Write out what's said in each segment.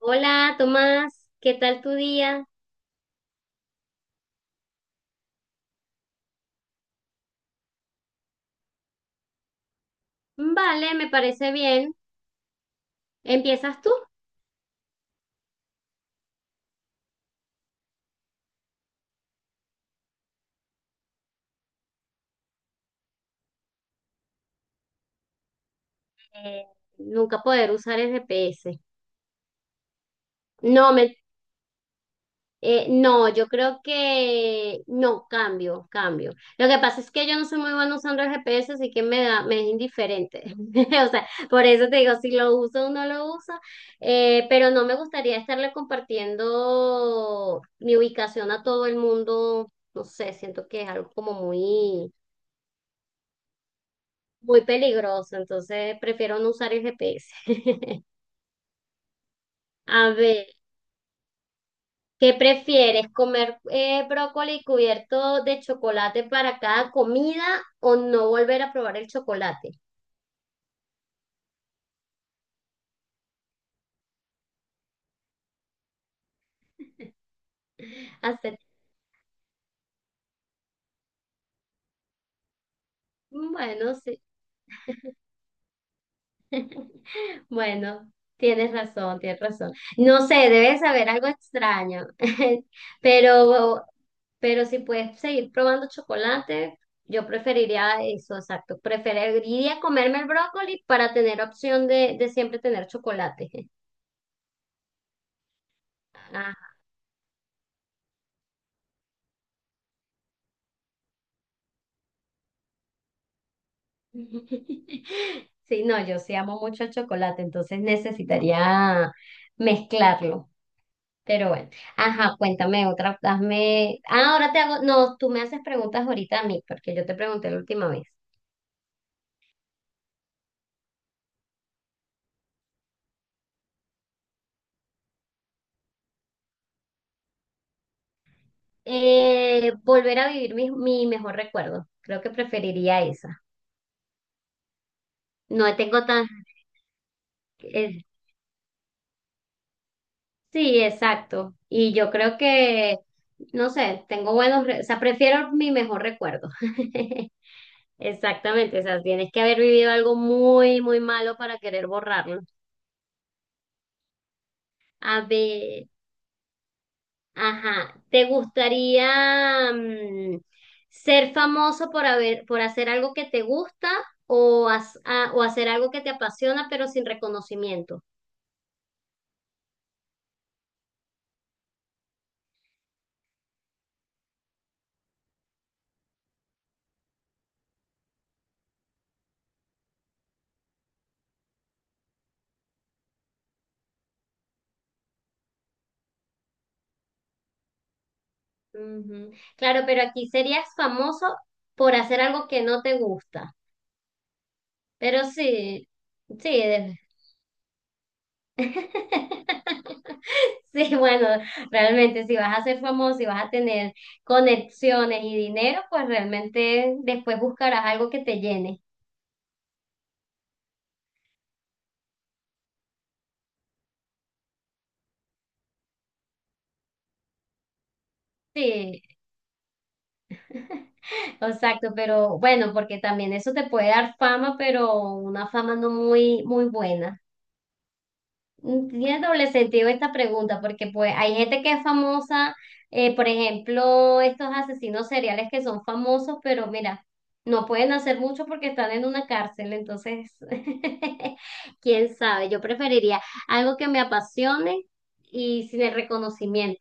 Hola, Tomás, ¿qué tal tu día? Vale, me parece bien. ¿Empiezas tú? Eh, Nunca poder usar el GPS. No, me, no, yo creo que no, cambio, cambio. Lo que pasa es que yo no soy muy buena usando el GPS, así que me es indiferente. O sea, por eso te digo, si lo uso o no lo uso. Pero no me gustaría estarle compartiendo mi ubicación a todo el mundo. No sé, siento que es algo como muy muy peligroso, entonces prefiero no usar el GPS. A ver, ¿qué prefieres? ¿Comer brócoli cubierto de chocolate para cada comida o no volver a probar el chocolate? Hacer, bueno, sí. Bueno, tienes razón, tienes razón. No sé, debes saber algo extraño. pero, pero si puedes seguir probando chocolate, yo preferiría eso, exacto. Preferiría comerme el brócoli para tener opción de siempre tener chocolate. Ah. Sí, no, yo sí amo mucho el chocolate, entonces necesitaría mezclarlo. Pero bueno, ajá, cuéntame otra, hazme, ah, ahora te hago, no, tú me haces preguntas ahorita a mí, porque yo te pregunté la última vez. Volver a vivir mi mejor recuerdo, creo que preferiría esa. No tengo tan, eh, sí, exacto, y yo creo no sé, tengo o sea, prefiero mi mejor recuerdo. Exactamente, o sea, tienes que haber vivido algo muy, muy malo para querer borrarlo. A ver. Ajá, ¿te gustaría ser famoso por por hacer algo que te gusta o hacer algo que te apasiona pero sin reconocimiento? Ujú. Claro, pero aquí serías famoso por hacer algo que no te gusta. Pero sí, sí, de- sí, bueno, realmente si vas a ser famoso y vas a tener conexiones y dinero, pues realmente después buscarás algo que te llene. Sí. Exacto, pero bueno, porque también eso te puede dar fama, pero una fama no muy, muy buena. Mm, tiene doble sentido esta pregunta, porque pues hay gente que es famosa, por ejemplo, estos asesinos seriales que son famosos, pero mira, no pueden hacer mucho porque están en una cárcel, entonces, quién sabe, yo preferiría algo que me apasione y sin el reconocimiento.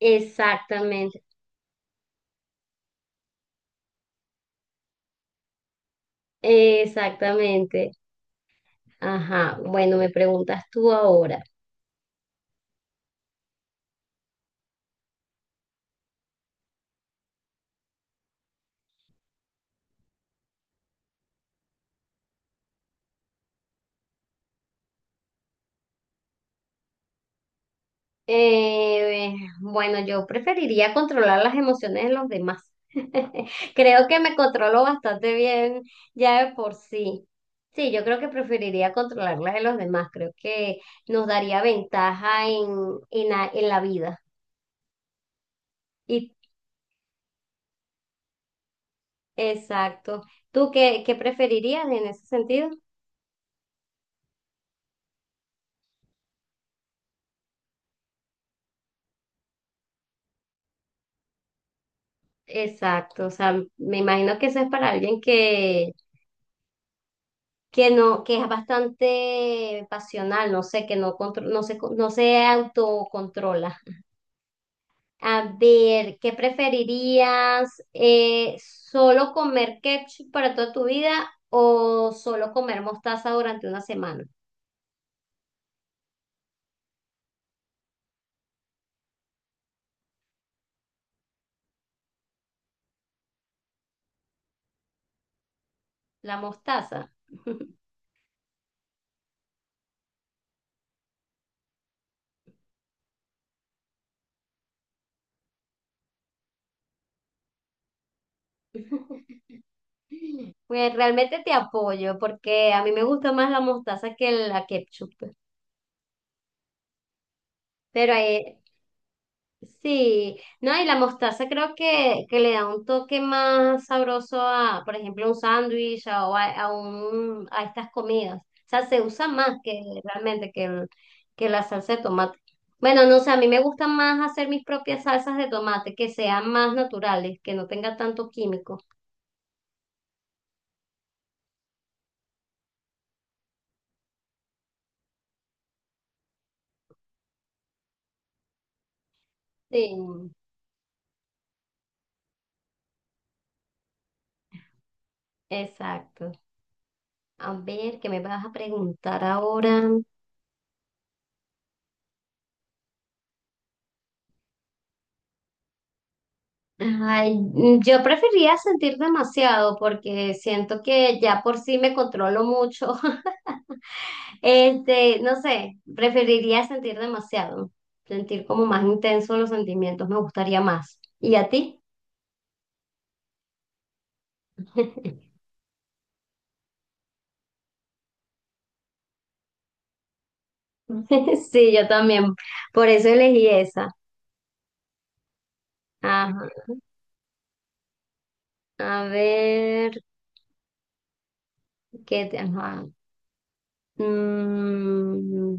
Exactamente, exactamente. Ajá, bueno, me preguntas tú ahora. Eh, bueno, yo preferiría controlar las emociones de los demás. Creo que me controlo bastante bien ya de por sí. Sí, yo creo que preferiría controlar las de los demás. Creo que nos daría ventaja en la vida. Y, exacto. ¿Tú qué preferirías en ese sentido? Exacto. O sea, me imagino que eso es para alguien que no, que es bastante pasional, no sé, que no se autocontrola. A ver, ¿qué preferirías? ¿Solo comer ketchup para toda tu vida o solo comer mostaza durante una semana? La mostaza. Pues realmente te apoyo porque a mí me gusta más la mostaza que la ketchup. Pero hay, Sí, no, y la mostaza creo que le da un toque más sabroso a, por ejemplo, un sándwich a- o a, a un, a estas comidas. O sea, se usa más que realmente que la salsa de tomate. Bueno, no sé, a mí me gusta más hacer mis propias salsas de tomate, que sean más naturales, que no tenga tanto químico. Sí, exacto. A ver, ¿qué me vas a preguntar ahora? Ay, mm, yo preferiría sentir demasiado porque siento que ya por sí me controlo mucho. Este, no sé, preferiría sentir demasiado, sentir como más intenso los sentimientos, me gustaría más. ¿Y a ti? Sí, yo también, por eso elegí esa. Ajá. A ver, ajá. Mm,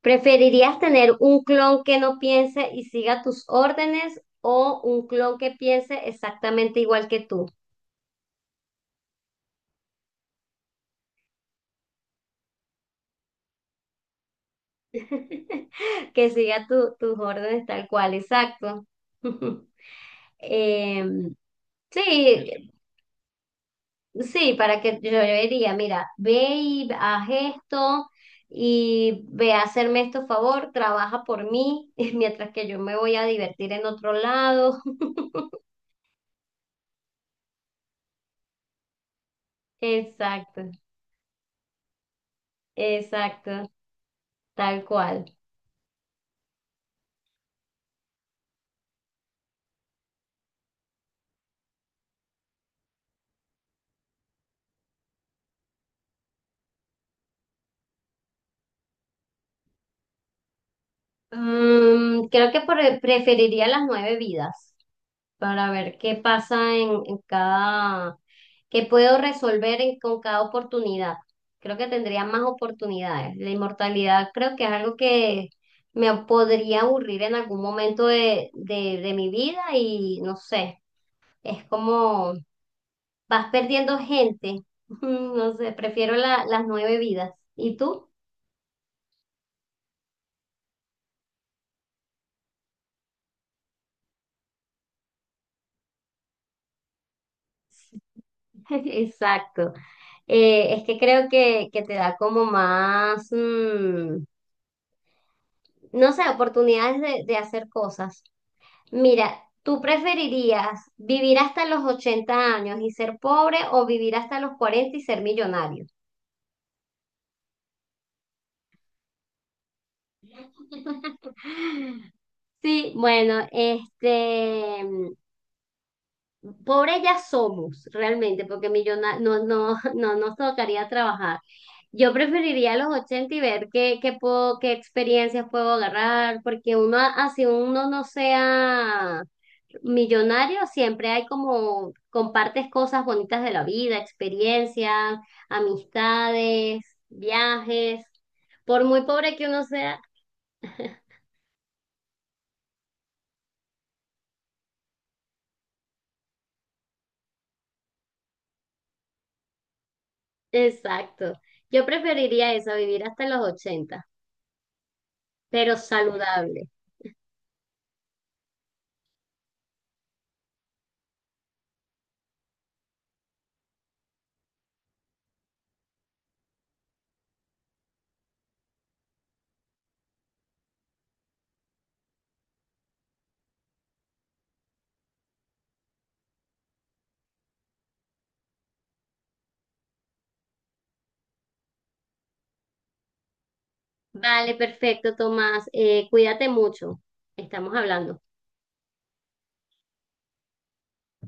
¿preferirías tener un clon que no piense y siga tus órdenes o un clon que piense exactamente igual que tú? Que siga tus órdenes tal cual, exacto. Em, Sí, sí, para que yo le diría, mira, ve y haz esto y ve a hacerme esto favor, trabaja por mí, mientras que yo me voy a divertir en otro lado. Exacto, exacto. Tal cual. Mm, creo que preferiría las 9 vidas para ver qué pasa en cada, qué puedo con cada oportunidad. Creo que tendría más oportunidades. La inmortalidad creo que es algo que me podría aburrir en algún momento de mi vida y no sé, es como vas perdiendo gente. No sé, prefiero las 9 vidas. ¿Y tú? Exacto. Es que creo que te da como más, mm, no sé, oportunidades de hacer cosas. Mira, ¿tú preferirías vivir hasta los 80 años y ser pobre o vivir hasta los 40 y ser millonario? Sí, bueno, este, mm, pobre ya somos realmente, porque no, no, no nos tocaría trabajar. Yo preferiría los 80 y ver qué puedo, qué experiencias puedo agarrar, porque uno, así uno no sea millonario, siempre hay como, compartes cosas bonitas de la vida, experiencias, amistades, viajes, por muy pobre que uno sea. Exacto. Yo preferiría eso, vivir hasta los 80 pero saludable. Vale, perfecto, Tomás. Cuídate mucho. Estamos hablando.